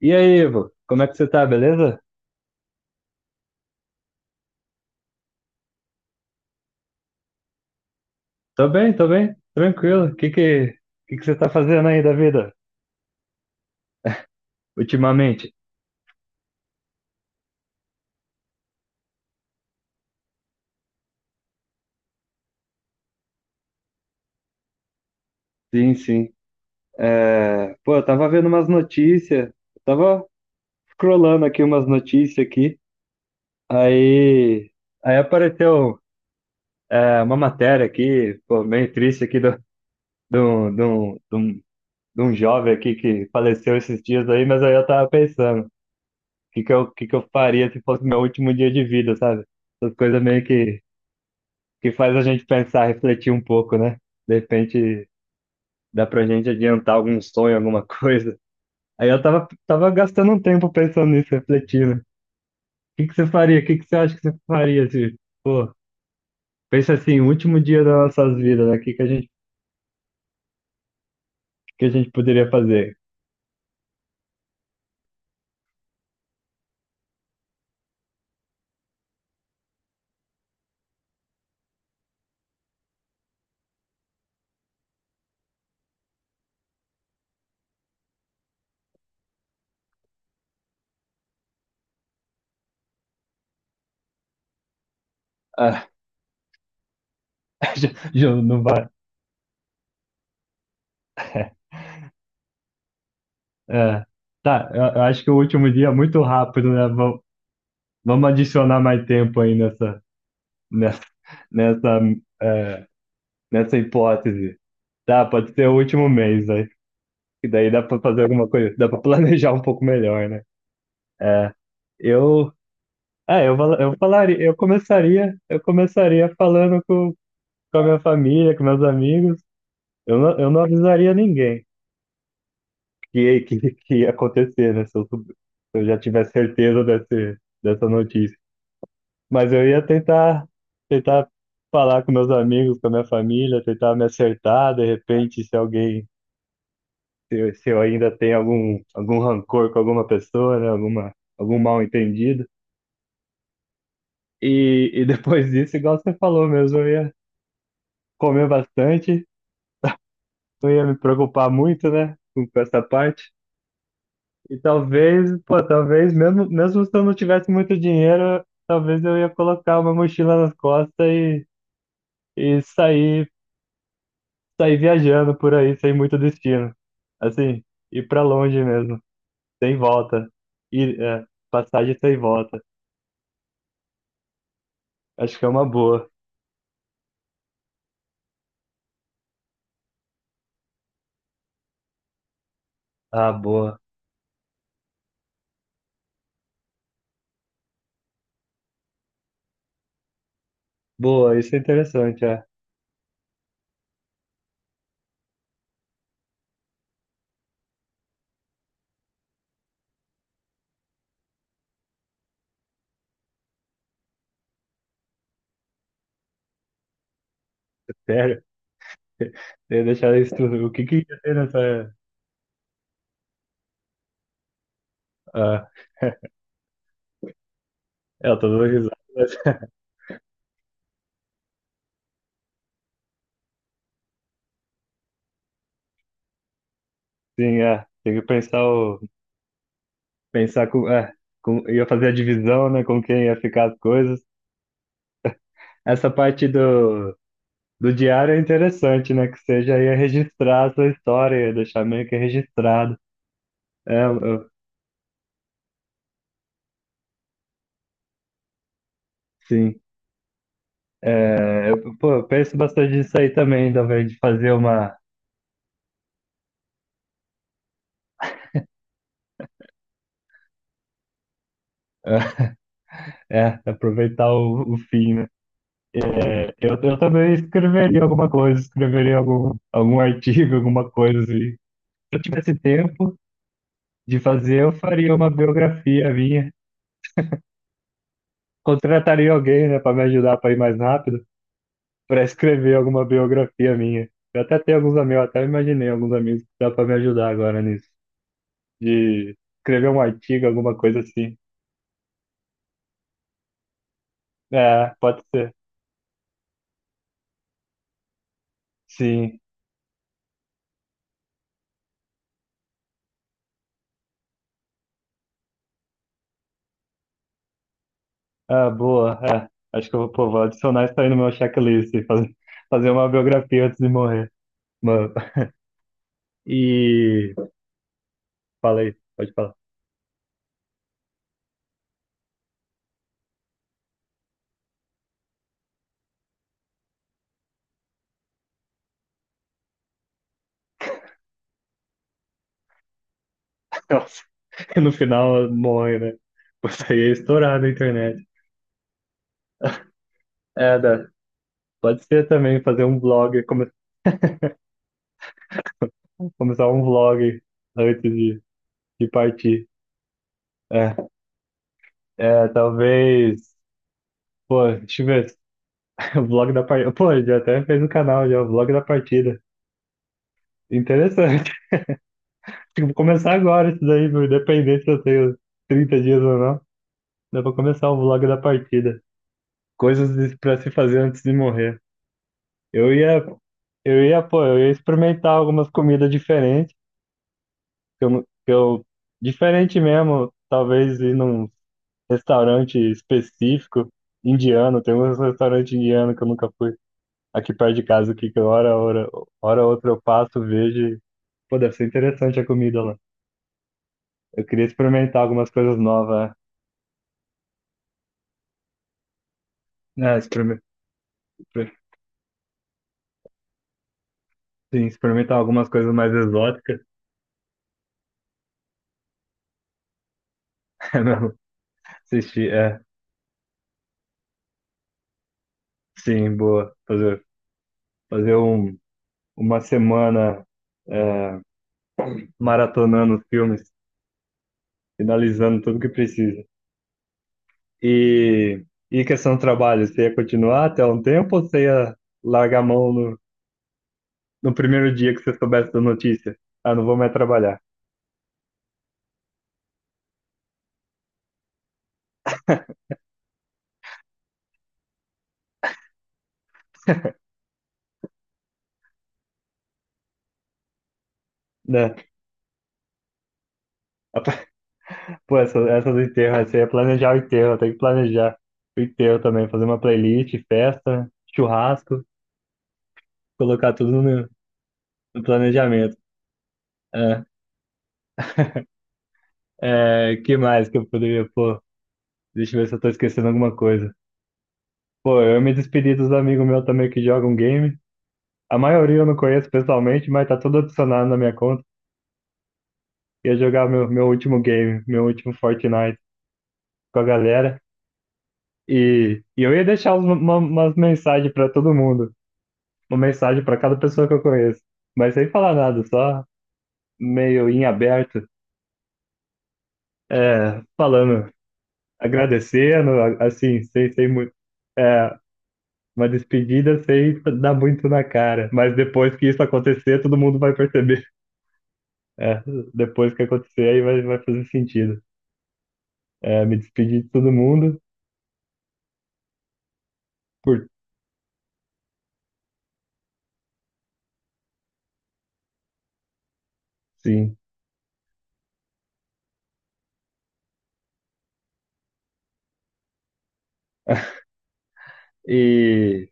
E aí, Ivo, como é que você tá, beleza? Tô bem, tranquilo. O que que você tá fazendo aí da vida ultimamente? Sim, sim. Pô, eu tava vendo umas notícias, eu tava scrollando aqui umas notícias aqui, aí, aí apareceu uma matéria aqui, pô, meio triste aqui, do, do, do, de um jovem aqui que faleceu esses dias aí. Mas aí eu tava pensando, o que que eu faria se fosse meu último dia de vida, sabe? Essas coisas meio que faz a gente pensar, refletir um pouco, né? De repente dá pra gente adiantar algum sonho, alguma coisa. Aí eu tava gastando um tempo pensando nisso, refletindo. O que que você faria? O que que você acha que você faria se, pô, pensa assim, o último dia das nossas vidas, né? O que que a gente poderia fazer? Ah, já não vai. É, tá, eu acho que o último dia é muito rápido, né? Vamos adicionar mais tempo aí nessa, nessa, é, nessa hipótese. Dá Pode ser o último mês, né? E daí dá pra fazer alguma coisa, dá pra planejar um pouco melhor, né? É, eu, eu começaria falando com a minha família, com meus amigos. Eu não avisaria ninguém que ia acontecer, né? Se eu já tivesse certeza dessa notícia. Mas eu ia tentar falar com meus amigos, com a minha família, tentar me acertar, de repente, se eu ainda tenho algum rancor com alguma pessoa, né? Algum mal-entendido. E depois disso, igual você falou mesmo, eu ia comer bastante, não ia me preocupar muito, né? Com essa parte. E pô, talvez, mesmo se eu não tivesse muito dinheiro, talvez eu ia colocar uma mochila nas costas e sair viajando por aí, sem muito destino. Assim, ir pra longe mesmo, sem volta. Ir, passagem sem volta. Acho que é uma boa. Ah, boa. Boa, isso é interessante, é. Sério. Tem deixar isso tudo. O que que ia ter nessa. Ah, eu tô dando risada, mas sim, é. Tem que pensar o. Pensar com. É, com ia fazer a divisão, né? Com quem ia ficar as coisas. Essa parte do diário é interessante, né? Que seja já ia registrar a sua história, ia deixar meio que registrado. É, sim. É, pô, eu penso bastante nisso aí também, talvez, de fazer uma. É, aproveitar o fim, né? É, eu também escreveria alguma coisa, escreveria algum artigo, alguma coisa assim. Se eu tivesse tempo de fazer, eu faria uma biografia minha. Contrataria alguém, né, para me ajudar para ir mais rápido, para escrever alguma biografia minha. Eu até tenho alguns amigos, até imaginei alguns amigos que dá para me ajudar agora nisso, de escrever um artigo, alguma coisa assim. É, pode ser. Sim. Ah, boa. É, acho que eu pô, vou adicionar isso aí no meu checklist, fazer uma biografia antes de morrer. Mano, e falei, pode falar. Nossa, no final morre, né? Você ia estourar na internet. É, dá. Pode ser também fazer um vlog, começar um vlog antes de partir. É, é, talvez. Pô, deixa eu ver. O vlog da partida. Pô, já até fez no canal já, o vlog da partida. Interessante. Vou começar agora isso daí, meu, independente se eu tenho 30 dias ou não. Dá pra começar o vlog da partida. Coisas pra se fazer antes de morrer. Eu ia, pô, eu ia experimentar algumas comidas diferentes, que eu, não- que eu, diferente mesmo, talvez ir num restaurante específico indiano. Tem um restaurante indiano que eu nunca fui aqui perto de casa, aqui, que hora outra eu passo, vejo, e, pô, deve ser interessante a comida lá. Eu queria experimentar algumas coisas novas, né. Exper- sim, experimentar algumas coisas mais exóticas, é mesmo, assistir, sim, boa, fazer um uma semana é, maratonando filmes, finalizando tudo que precisa. E, e questão do trabalho, você ia continuar até um tempo ou você ia largar a mão no primeiro dia que você soubesse da notícia? Ah, não vou mais trabalhar, né? Pô, essa, do enterro, essa ia planejar o enterro. Tem que planejar o enterro também, fazer uma playlist, festa, churrasco, colocar tudo no planejamento. É, é, que mais que eu poderia, pô, deixa eu ver se eu tô esquecendo alguma coisa. Pô, eu me despedi dos amigos meus também que jogam game. A maioria eu não conheço pessoalmente, mas tá tudo adicionado na minha conta. Ia jogar meu último game, meu último Fortnite com a galera. E eu ia deixar umas mensagens pra todo mundo. Uma mensagem pra cada pessoa que eu conheço. Mas sem falar nada, só meio em aberto. É, falando, agradecendo, assim, sem muito. É, uma despedida sem dar muito na cara. Mas depois que isso acontecer, todo mundo vai perceber. É, depois que acontecer, aí vai fazer sentido. É, me despedi de todo mundo, por sim. E,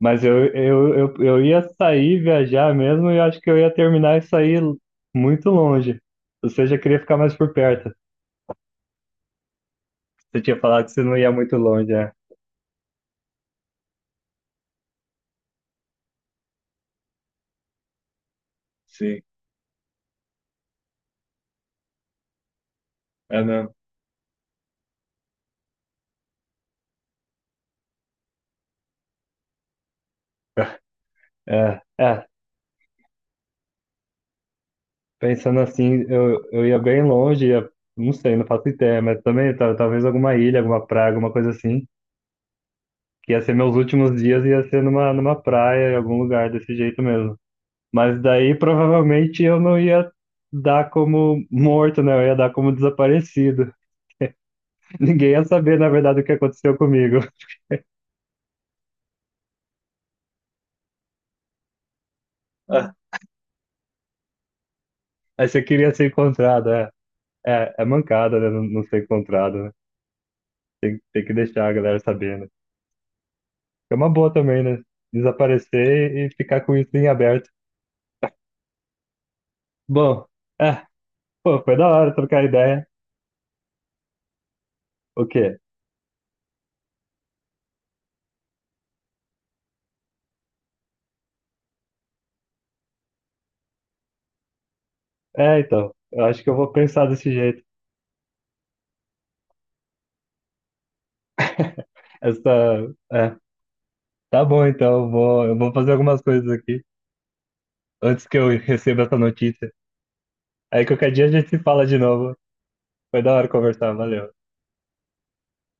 mas eu ia sair, viajar mesmo, e eu acho que eu ia terminar e sair muito longe. Ou seja, eu queria ficar mais por perto. Você tinha falado que você não ia muito longe, é. Sim, é mesmo. É, é, pensando assim, eu ia bem longe, ia, não sei, não faço ideia, mas também talvez alguma ilha, alguma praia, alguma coisa assim. Que ia ser meus últimos dias, ia ser numa praia, em algum lugar desse jeito mesmo. Mas daí provavelmente eu não ia dar como morto, né? Eu ia dar como desaparecido. Ninguém ia saber, na verdade, o que aconteceu comigo. Ah. Aí você queria ser encontrado, é. É, é mancada, né? Não, não ser encontrado, né? Tem que deixar a galera sabendo. É uma boa também, né? Desaparecer e ficar com isso em aberto. Bom, é, pô, foi da hora trocar ideia. O quê? É, então, eu acho que eu vou pensar desse jeito. Essa, é, tá bom, então, eu vou, fazer algumas coisas aqui antes que eu receba essa notícia. Aí qualquer dia a gente se fala de novo. Foi da hora conversar, valeu.